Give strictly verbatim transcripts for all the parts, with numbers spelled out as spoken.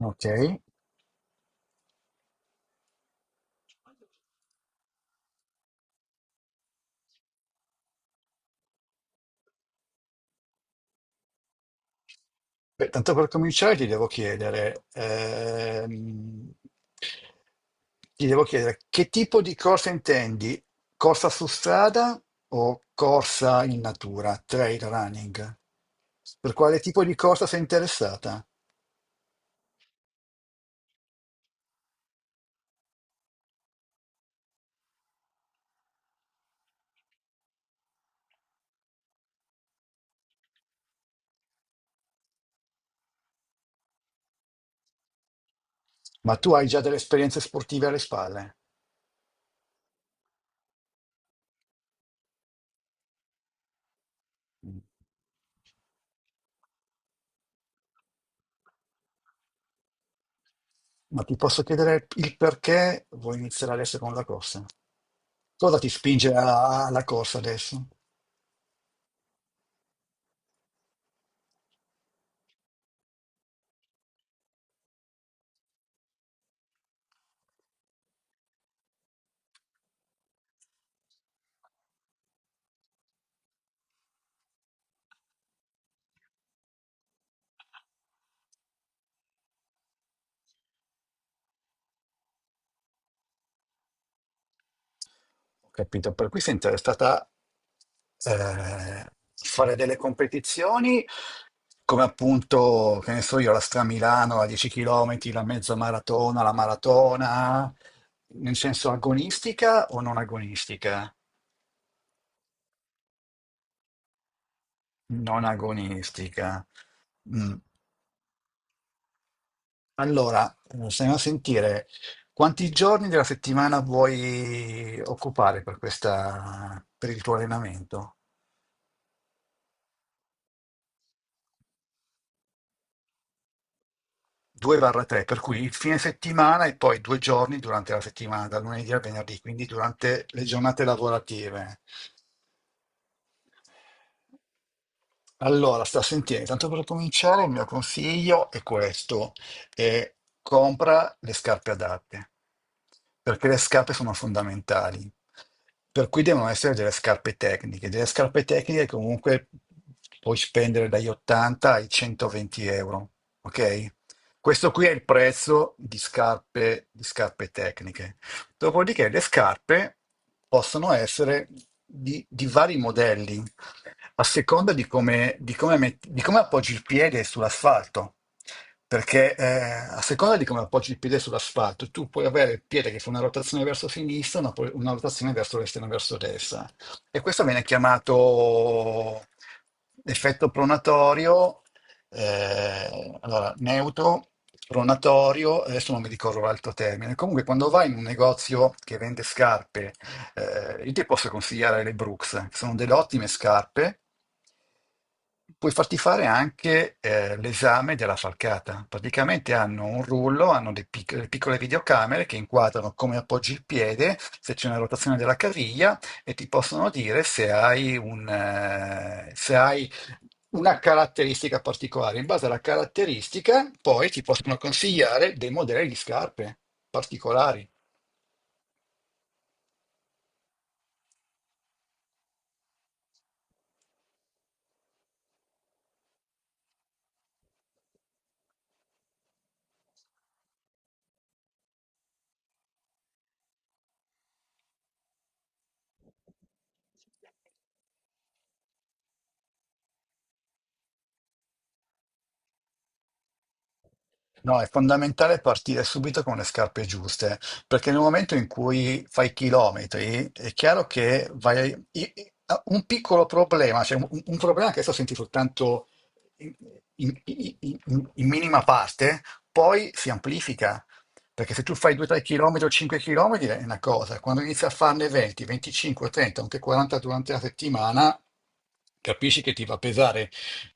Ok. Beh, tanto per cominciare ti devo chiedere, ehm, ti devo chiedere che tipo di corsa intendi? Corsa su strada o corsa in natura, trail running? Per quale tipo di corsa sei interessata? Ma tu hai già delle esperienze sportive alle spalle? Mm. Ma ti posso chiedere il perché vuoi iniziare adesso con la corsa? Cosa ti spinge a- alla corsa adesso? Ho capito, per cui sei interessata eh, fare delle competizioni come appunto, che ne so io, la Stramilano, la dieci chilometri, la mezza maratona, la maratona, nel senso agonistica o non agonistica? Non agonistica. Mm. Allora, eh, stiamo a sentire quanti giorni della settimana vuoi occupare per questa, per il tuo allenamento? due o tre, per cui il fine settimana e poi due giorni durante la settimana, dal lunedì al venerdì, quindi durante le giornate lavorative. Allora, sta sentendo, intanto per cominciare il mio consiglio è questo, è compra le scarpe adatte, perché le scarpe sono fondamentali, per cui devono essere delle scarpe tecniche, delle scarpe tecniche che comunque puoi spendere dagli ottanta ai centoventi euro, ok? Questo qui è il prezzo di scarpe, di scarpe tecniche. Dopodiché le scarpe possono essere di di vari modelli a seconda di come, di come metti- di come appoggi il piede sull'asfalto. Perché eh, a seconda di come appoggi il piede sull'asfalto, tu puoi avere il piede che fa una rotazione verso sinistra, una, po- una rotazione verso l'esterno e verso destra. E questo viene chiamato effetto pronatorio, eh, allora, neutro, pronatorio, adesso non mi ricordo l'altro termine. Comunque, quando vai in un negozio che vende scarpe, eh, io ti posso consigliare le Brooks, che sono delle ottime scarpe. Puoi farti fare anche eh, l'esame della falcata. Praticamente hanno un rullo, hanno dei pic- delle piccole videocamere che inquadrano come appoggi il piede, se c'è una rotazione della caviglia e ti possono dire se hai un, eh, se hai una caratteristica particolare. In base alla caratteristica, poi ti possono consigliare dei modelli di scarpe particolari. No, è fondamentale partire subito con le scarpe giuste, perché nel momento in cui fai chilometri, è chiaro che vai i- i- a- un piccolo problema, cioè un, un problema che adesso senti soltanto in, in- in- in- in minima parte, poi si amplifica. Perché se tu fai due tre km o cinque chilometri è una cosa, quando inizi a farne venti, venticinque, trenta, anche quaranta durante la settimana, capisci che ti va a pesare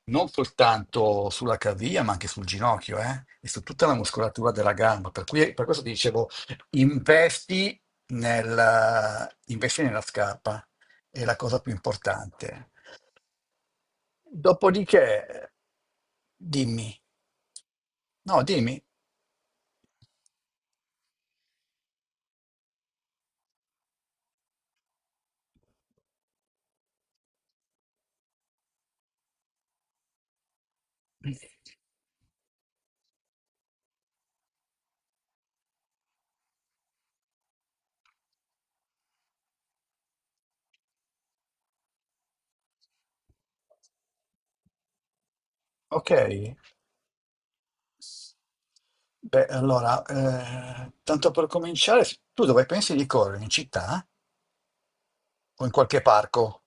non soltanto sulla caviglia, ma anche sul ginocchio, eh? E su tutta la muscolatura della gamba. Per cui, per questo ti dicevo, investi nel- investi nella scarpa, è la cosa più importante. Dopodiché, dimmi, no, dimmi, ok. Beh, allora, eh, tanto per cominciare, tu dove pensi di correre? In città o in qualche parco?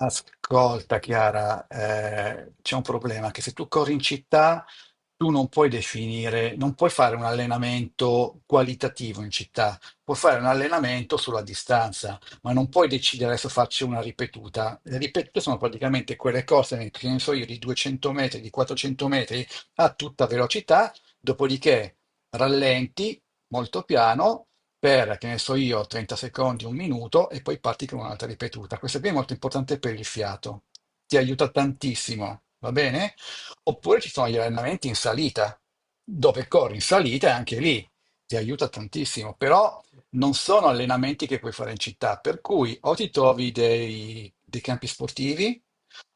Ascolta Chiara, eh, c'è un problema che se tu corri in città tu non puoi definire, non puoi fare un allenamento qualitativo in città, puoi fare un allenamento sulla distanza, ma non puoi decidere adesso faccio una ripetuta. Le ripetute sono praticamente quelle corse, ne- che ne so io, di duecento metri, di quattrocento metri a tutta velocità, dopodiché rallenti molto piano per, che ne so io, trenta secondi, un minuto e poi parti con un'altra ripetuta. Questa qui è molto importante per il fiato, ti aiuta tantissimo, va bene? Oppure ci sono gli allenamenti in salita, dove corri in salita e anche lì ti aiuta tantissimo, però non sono allenamenti che puoi fare in città, per cui o ti trovi dei, dei campi sportivi,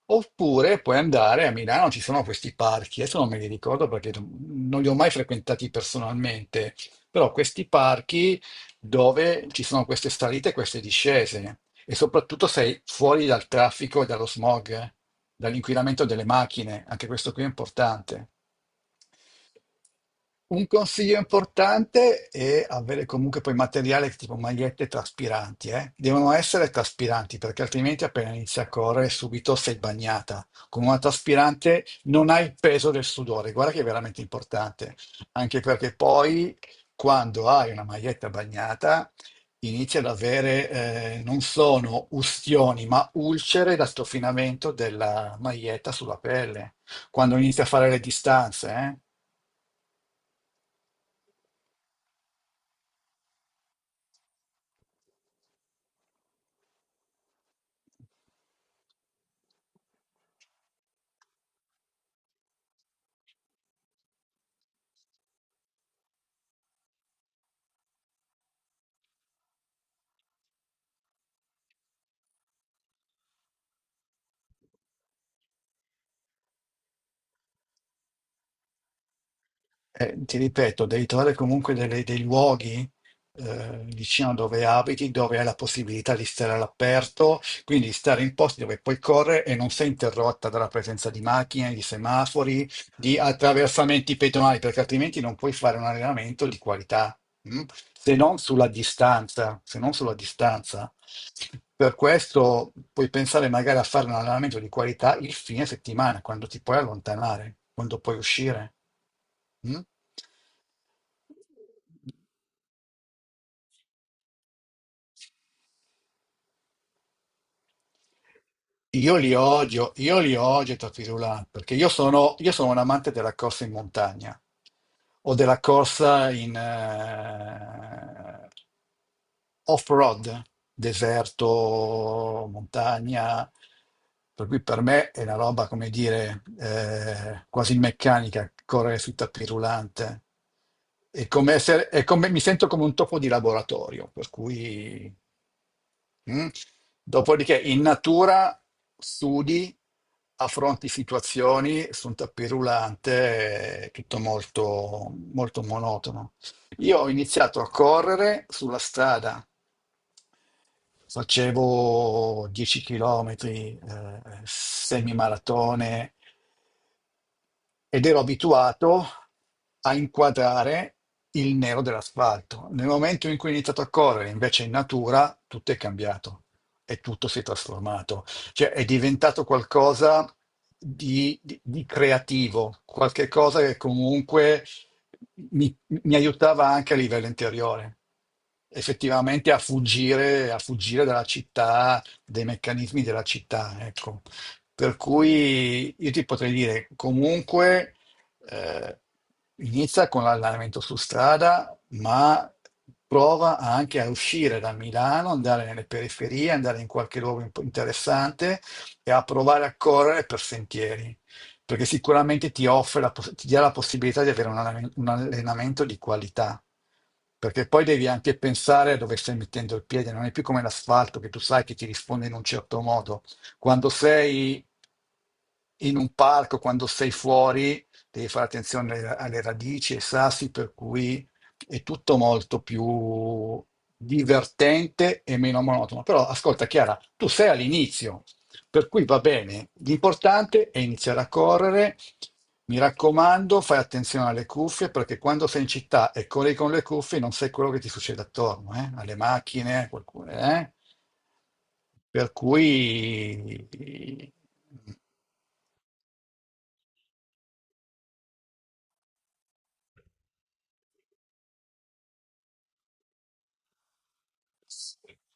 oppure puoi andare a Milano, ci sono questi parchi, adesso non me li ricordo perché non non li ho mai frequentati personalmente, però questi parchi dove ci sono queste salite e queste discese e soprattutto sei fuori dal traffico e dallo smog, eh, dall'inquinamento delle macchine, anche questo qui è importante. Un consiglio importante è avere comunque poi materiale tipo magliette traspiranti, eh. Devono essere traspiranti perché altrimenti appena inizi a correre subito sei bagnata. Con una traspirante non hai il peso del sudore, guarda che è veramente importante, anche perché poi quando hai una maglietta bagnata inizi ad avere, eh, non sono ustioni, ma ulcere da strofinamento della maglietta sulla pelle, quando inizi a fare le distanze, eh. Eh, ti ripeto, devi trovare comunque delle- dei luoghi, eh, vicino a dove abiti, dove hai la possibilità di stare all'aperto, quindi stare in posti dove puoi correre e non sei interrotta dalla presenza di macchine, di semafori, di attraversamenti pedonali, perché altrimenti non puoi fare un allenamento di qualità, mm? Se non sulla distanza, se non sulla distanza. Per questo puoi pensare magari a fare un allenamento di qualità il fine settimana, quando ti puoi allontanare, quando puoi uscire. Mm? Io li odio, io li odio i tapis roulant, perché io sono, io sono un amante della corsa in montagna o della corsa in, eh, off-road, deserto, montagna, per cui per me è una roba, come dire, eh, quasi meccanica, correre sui tappi rullante. È come essere, è come, mi sento come un topo di laboratorio, per cui... Mm. Dopodiché in natura studi, affronti situazioni su un tappi rullante, è tutto molto, molto monotono. Io ho iniziato a correre sulla strada. Facevo dieci chilometri, eh, semimaratone, ed ero abituato a inquadrare il nero dell'asfalto. Nel momento in cui ho iniziato a correre invece in natura, tutto è cambiato e tutto si è trasformato. Cioè è diventato qualcosa di, di- di creativo, qualche cosa che comunque mi, mi aiutava anche a livello interiore. Effettivamente a fuggire, a fuggire dalla città, dai meccanismi della città, ecco. Per cui io ti potrei dire comunque, eh, inizia con l'allenamento su strada, ma prova anche a uscire da Milano, andare nelle periferie, andare in qualche luogo imp- interessante e a provare a correre per sentieri, perché sicuramente ti offre la poss- ti dà la possibilità di avere un allenamen- un allenamento di qualità. Perché poi devi anche pensare a dove stai mettendo il piede, non è più come l'asfalto che tu sai che ti risponde in un certo modo. Quando sei in un parco, quando sei fuori, devi fare attenzione alle, alle radici e ai sassi, per cui è tutto molto più divertente e meno monotono. Però ascolta Chiara, tu sei all'inizio, per cui va bene, l'importante è iniziare a correre. Mi raccomando, fai attenzione alle cuffie perché quando sei in città e corri con le cuffie non sai quello che ti succede attorno, eh? Alle macchine, a qualcuno, eh? Per cui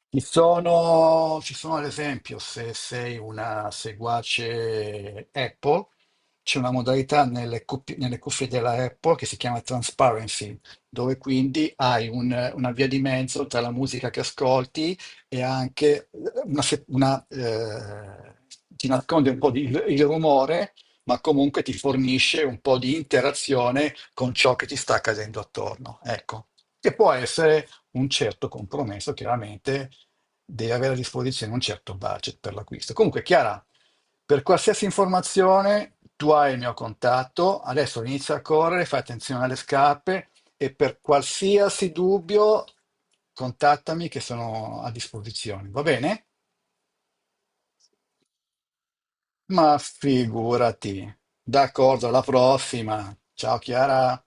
Ci sono, ci sono ad esempio, se sei una seguace Apple, c'è una modalità nelle cuffie, nelle cuffie della Apple che si chiama Transparency, dove quindi hai un- una via di mezzo tra la musica che ascolti e anche una, se- una, eh, ti nasconde un po' di, il rumore, ma comunque ti fornisce un po' di interazione con ciò che ti sta accadendo attorno. Ecco. Che può essere un certo compromesso, chiaramente deve avere a disposizione un certo budget per l'acquisto. Comunque, Chiara, per qualsiasi informazione tu hai il mio contatto, adesso inizia a correre, fai attenzione alle scarpe e per qualsiasi dubbio contattami che sono a disposizione, va bene? Ma figurati. D'accordo, alla prossima. Ciao Chiara.